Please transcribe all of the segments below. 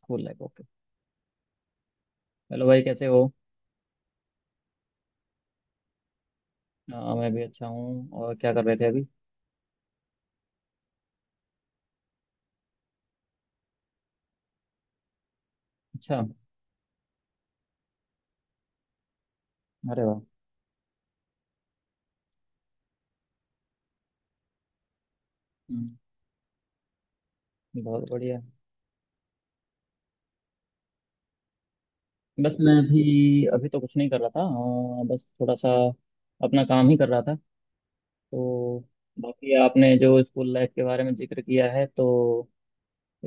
School life, okay. Hello भाई, कैसे हो? मैं भी अच्छा हूँ। और क्या कर रहे थे अभी? अच्छा। अरे वाह। हम्म, बहुत बढ़िया। बस मैं भी अभी तो कुछ नहीं कर रहा था, बस थोड़ा सा अपना काम ही कर रहा था तो। बाकी आपने जो स्कूल लाइफ के बारे में जिक्र किया है, तो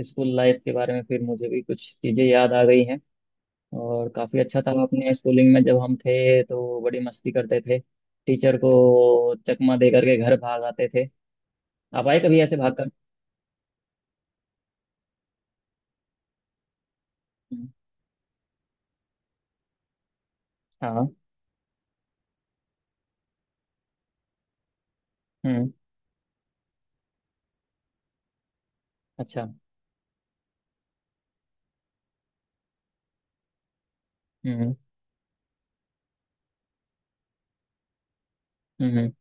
स्कूल लाइफ के बारे में फिर मुझे भी कुछ चीज़ें याद आ गई हैं। और काफ़ी अच्छा था, अपने स्कूलिंग में जब हम थे तो बड़ी मस्ती करते थे। टीचर को चकमा दे करके घर भाग आते थे। आप आए कभी ऐसे भाग कर? हाँ। हम्म। अच्छा। हम्म। हम्म।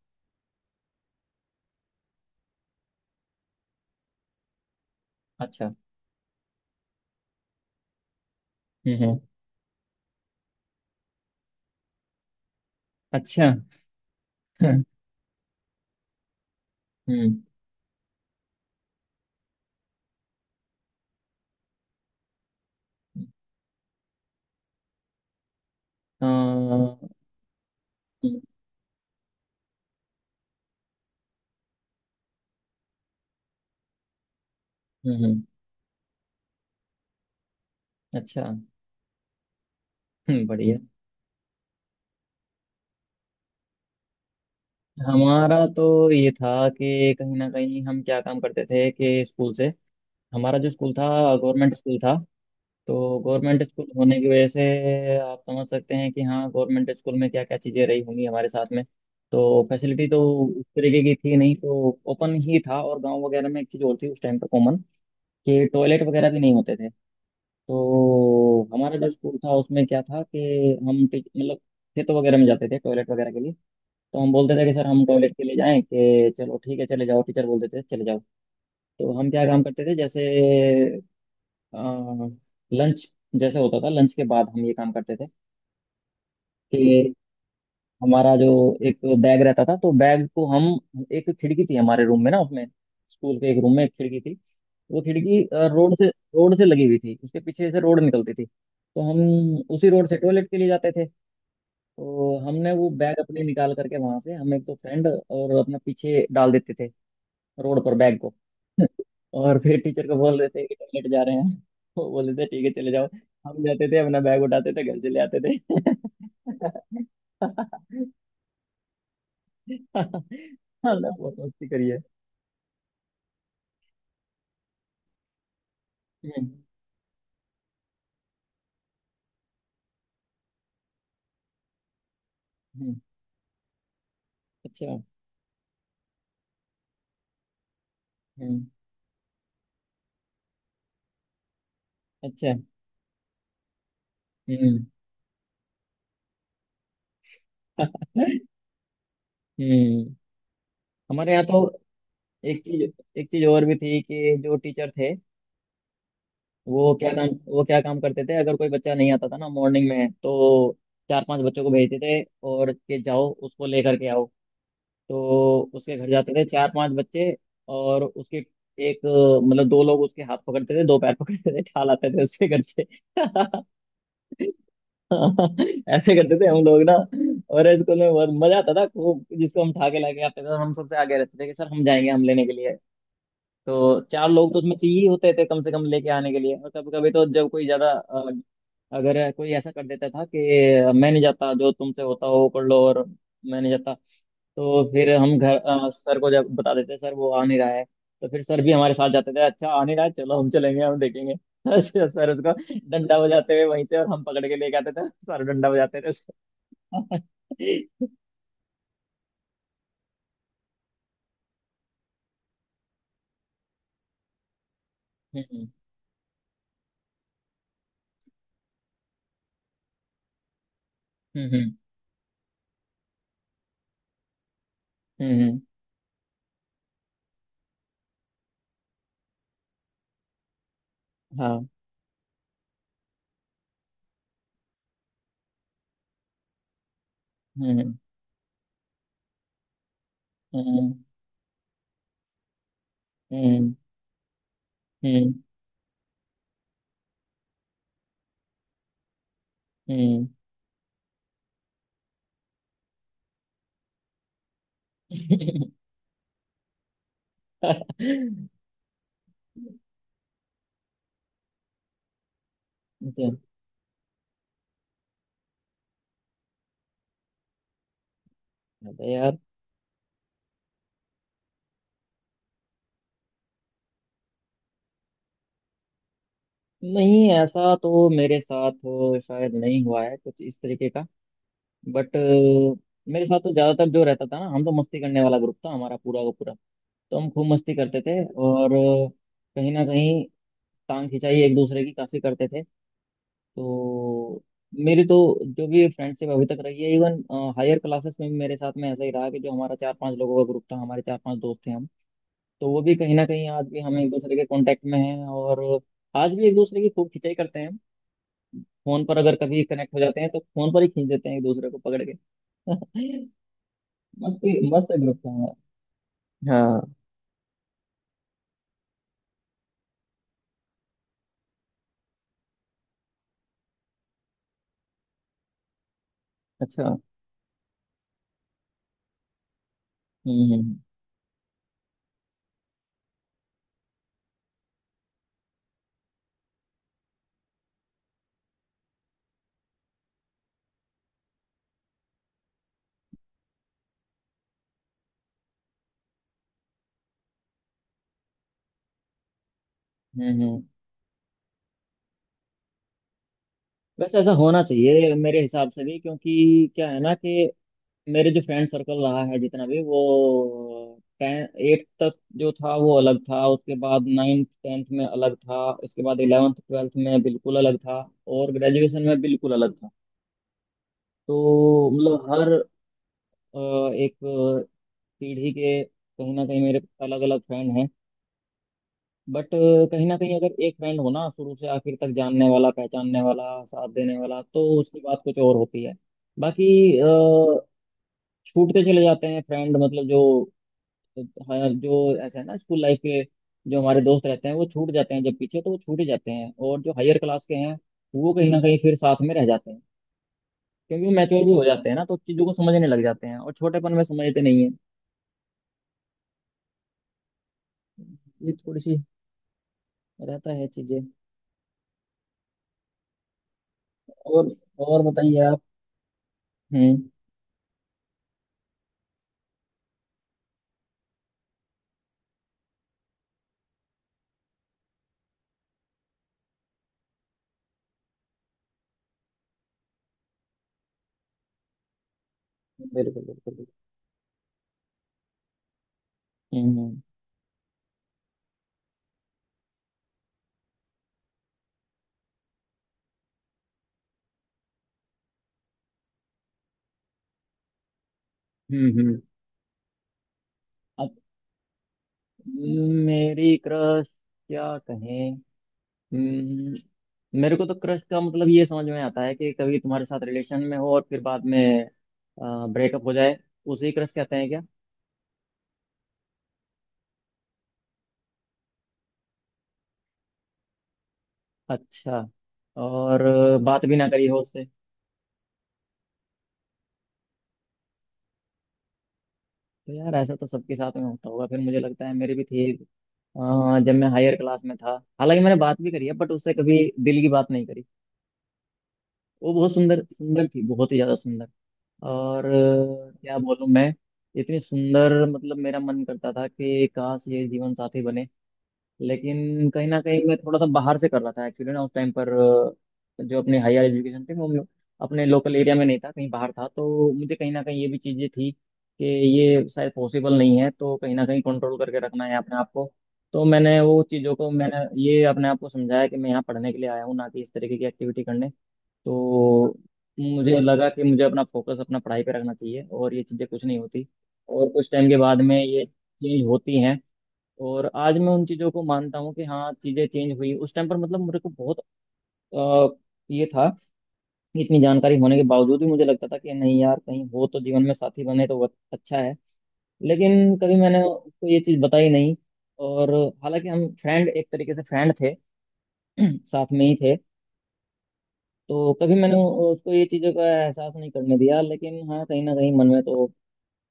अच्छा। हम्म, अच्छा। हम्म, हम्म, हम्म, हम्म, हम्म, अच्छा। बढ़िया। हमारा तो ये था कि कहीं ना कहीं हम क्या काम करते थे कि स्कूल से। हमारा जो स्कूल था, गवर्नमेंट स्कूल था। तो गवर्नमेंट स्कूल होने की वजह से आप समझ सकते हैं कि हाँ, गवर्नमेंट स्कूल में क्या क्या चीज़ें रही होंगी हमारे साथ में। तो फैसिलिटी तो उस तरीके की थी नहीं, तो ओपन ही था। और गांव वगैरह में एक चीज़ और थी उस टाइम पर कॉमन, कि टॉयलेट वगैरह भी नहीं होते थे। तो हमारा जो स्कूल था उसमें क्या था कि हम मतलब खेतों वगैरह में जाते थे टॉयलेट वगैरह के लिए। तो हम बोलते थे कि सर हम टॉयलेट के लिए जाएं, कि चलो ठीक है चले जाओ, टीचर बोलते थे चले जाओ। तो हम क्या काम करते थे जैसे लंच जैसे होता था, लंच के बाद हम ये काम करते थे। हमारा जो एक बैग रहता था तो बैग को हम, एक खिड़की थी हमारे रूम में ना उसमें, स्कूल के एक रूम में एक खिड़की थी। वो खिड़की रोड से लगी हुई थी, उसके पीछे से रोड निकलती थी तो हम उसी रोड से टॉयलेट के लिए जाते थे। तो हमने वो बैग अपने निकाल करके वहां से हम, एक तो फ्रेंड और अपना, पीछे डाल देते थे रोड पर बैग को। और फिर टीचर को बोल देते कि टॉयलेट जा रहे हैं। वो बोलते थे ठीक है चले जाओ। हम जाते थे, अपना बैग उठाते थे, घर चले आते थे। हाँ लव, बहुत मस्ती करी है। हम्म, हम्म, अच्छा। हम्म, अच्छा। हम्म, हम्म। हमारे यहाँ तो एक चीज एक चीज और भी थी कि जो टीचर थे, वो क्या काम वो क्या काम करते थे अगर कोई बच्चा नहीं आता था ना मॉर्निंग में, तो चार पांच बच्चों को भेजते थे और कि जाओ उसको लेकर के आओ। तो उसके घर जाते थे चार पांच बच्चे। और उसके एक, मतलब दो लोग उसके हाथ पकड़ते थे, दो पैर पकड़ते थे, ठाल आते थे उसके घर से। ऐसे करते थे हम लोग ना। और स्कूल में बहुत मजा आता था, खूब। जिसको हम ठा के लाके आते थे, हम सबसे आगे रहते थे कि सर हम जाएंगे, हम लेने के लिए। तो चार लोग तो उसमें चाहिए होते थे कम से कम लेके आने के लिए। और कभी कभी तो जब कोई ज्यादा अगर कोई ऐसा कर देता था कि मैं नहीं जाता, जो तुमसे होता हो वो कर लो और मैं नहीं जाता, तो फिर हम घर, सर को जब बता देते, सर वो आ नहीं रहा है। तो फिर सर भी हमारे साथ जाते थे, अच्छा आ नहीं रहा है, चलो हम चलेंगे, हम देखेंगे। अच्छा, सर उसको डंडा बजाते हुए वहीं से, और हम पकड़ के लेके आते थे, सर डंडा बजाते थे उसको। हम्म, हम्म, हम्म, हाँ, हम्म, हम्म, हम्म, हम्म, हम्म। हम्म। तो बात है यार। नहीं, ऐसा तो मेरे साथ शायद नहीं हुआ है कुछ इस तरीके का। बट मेरे साथ तो ज्यादातर जो रहता था ना, हम तो मस्ती करने वाला ग्रुप था हमारा पूरा का पूरा। तो हम खूब मस्ती करते थे, और कहीं ना कहीं टांग खिंचाई एक दूसरे की काफी करते थे। तो मेरी तो जो भी फ्रेंडशिप अभी तक रही है, इवन हायर क्लासेस में भी मेरे साथ में ऐसा ही रहा कि जो हमारा चार पांच लोगों का ग्रुप था, हमारे चार पांच दोस्त थे हम, तो वो भी कहीं ना कहीं आज भी हम एक दूसरे के कांटेक्ट में हैं। और आज भी एक दूसरे की खूब खिंचाई करते हैं। फोन पर अगर कभी कनेक्ट हो जाते हैं तो फोन पर ही खींच देते हैं एक दूसरे को पकड़ के। मस्त, मस्त ग्रुप था हमारा। हाँ। अच्छा। हम्म, हम्म, हम्म, वैसे ऐसा होना चाहिए मेरे हिसाब से भी, क्योंकि क्या है ना कि मेरे जो फ्रेंड सर्कल रहा है जितना भी, वो टेन एट्थ तक जो था वो अलग था, उसके बाद नाइन्थ 10th में अलग था, उसके बाद 11th 12th में बिल्कुल अलग था, और ग्रेजुएशन में बिल्कुल अलग था। तो मतलब हर एक पीढ़ी के कहीं ना कहीं मेरे अलग अलग फ्रेंड हैं। बट कहीं ना कहीं अगर एक फ्रेंड हो ना, शुरू से आखिर तक जानने वाला, पहचानने वाला, साथ देने वाला, तो उसकी बात कुछ और होती है। बाकी छूटते चले जाते हैं फ्रेंड, मतलब जो, हाँ, जो ऐसा है ना, स्कूल लाइफ के जो हमारे दोस्त रहते हैं वो छूट जाते हैं, जब पीछे तो वो छूट ही जाते हैं। और जो हायर क्लास के हैं वो कहीं ना कहीं फिर साथ में रह जाते हैं, क्योंकि वो मैच्योर भी हो जाते हैं ना, तो चीज़ों को समझने लग जाते हैं, और छोटेपन में समझते नहीं है। ये थोड़ी सी रहता है चीज़ें। और और बताइए आप। हम्म। बिल्कुल, बिल्कुल, बिल्कुल। हम्म, हम्म, हम्म, हम्म। अब मेरी क्रश, क्या कहें। हम्म, मेरे को तो क्रश का मतलब ये समझ में आता है कि कभी तुम्हारे साथ रिलेशन में हो और फिर बाद में ब्रेकअप हो जाए, उसे क्रश कहते हैं क्या? अच्छा। और बात भी ना करी हो उससे। तो यार ऐसा तो सबके साथ में होता होगा फिर, मुझे लगता है मेरी भी थी, जब मैं हायर क्लास में था। हालांकि मैंने बात भी करी है, बट उससे कभी दिल की बात नहीं करी। वो बहुत सुंदर सुंदर थी, बहुत ही ज्यादा सुंदर। और क्या बोलूं मैं, इतनी सुंदर, मतलब मेरा मन करता था कि काश ये जीवन साथी बने। लेकिन कहीं ना कहीं मैं थोड़ा सा बाहर से कर रहा था एक्चुअली ना, उस टाइम पर जो अपनी हायर एजुकेशन थी, वो मैं अपने लोकल एरिया में नहीं था, कहीं बाहर था। तो मुझे कहीं ना कहीं ये भी चीज़ें थी कि ये शायद पॉसिबल नहीं है, तो कहीं ना कहीं कंट्रोल करके रखना है अपने आप को। तो मैंने वो चीज़ों को, मैंने ये अपने आप को समझाया कि मैं यहाँ पढ़ने के लिए आया हूँ, ना कि इस तरीके की एक्टिविटी करने। तो मुझे लगा कि मुझे अपना फोकस अपना पढ़ाई पे रखना चाहिए, और ये चीज़ें कुछ नहीं होती। और कुछ टाइम के बाद में ये चेंज होती हैं। और आज मैं उन चीज़ों को मानता हूँ कि हाँ, चीज़ें चेंज हुई। उस टाइम पर मतलब मेरे को बहुत अ, ये था कि इतनी जानकारी होने के बावजूद भी मुझे लगता था कि नहीं यार, कहीं हो तो जीवन में साथी बने तो बहुत अच्छा है। लेकिन कभी मैंने उसको ये चीज़ बताई नहीं। और हालांकि हम फ्रेंड, एक तरीके से फ्रेंड थे, साथ में ही थे। तो कभी मैंने उसको ये चीज़ों का एहसास नहीं करने दिया, लेकिन हाँ कहीं ना कहीं मन में तो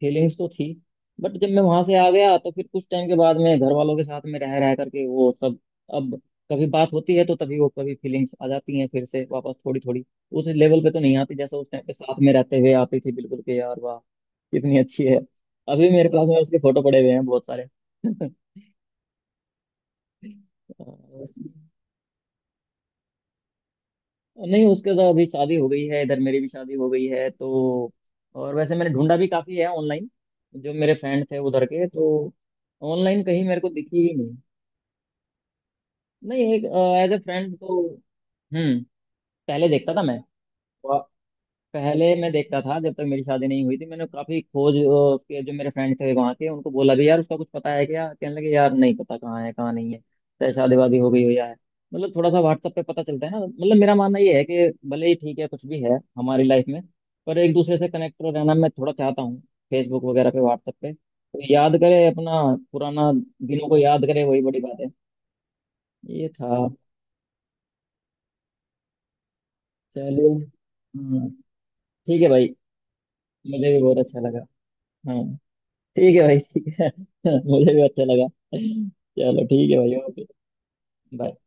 फीलिंग्स तो थी। बट जब मैं वहां से आ गया तो फिर कुछ टाइम के बाद, मैं घर वालों के साथ में रह रह करके वो सब। अब कभी बात होती है तो तभी वो कभी फीलिंग्स आ जाती हैं फिर से वापस, थोड़ी थोड़ी। उस लेवल पे तो नहीं आती जैसे उस टाइम पे साथ में रहते हुए आती थी बिल्कुल, कि यार वाह कितनी अच्छी है। अभी मेरे पास में उसके फोटो पड़े हुए हैं बहुत सारे। अ, नहीं, उसके तो अभी शादी हो गई है, इधर मेरी भी शादी हो गई है तो। और वैसे मैंने ढूंढा भी काफी है ऑनलाइन, जो मेरे फ्रेंड थे उधर के, तो ऑनलाइन कहीं मेरे को दिखी ही नहीं। नहीं, एक, एज ए फ्रेंड तो। हम्म। पहले देखता था मैं, पहले मैं देखता था जब तक मेरी शादी नहीं हुई थी, मैंने काफी खोज, उसके जो मेरे फ्रेंड थे वहाँ के, उनको बोला भी यार उसका कुछ पता है क्या, कहने लगे यार नहीं पता कहाँ है कहाँ नहीं है, चाहे शादी वादी हो गई हो या है। मतलब थोड़ा सा WhatsApp पे पता चलता है ना, मतलब मेरा मानना ये है कि भले ही ठीक है कुछ भी है हमारी लाइफ में, पर एक दूसरे से कनेक्ट रहना मैं थोड़ा चाहता हूँ। फेसबुक वगैरह पे, WhatsApp पे तो याद करे, अपना पुराना दिनों को याद करे, वही बड़ी बात है। ये था। चलिए, ठीक है भाई। मुझे भी बहुत अच्छा लगा। हाँ, ठीक है भाई, ठीक है। मुझे भी अच्छा लगा। चलो ठीक है भाई, ओके। बाय।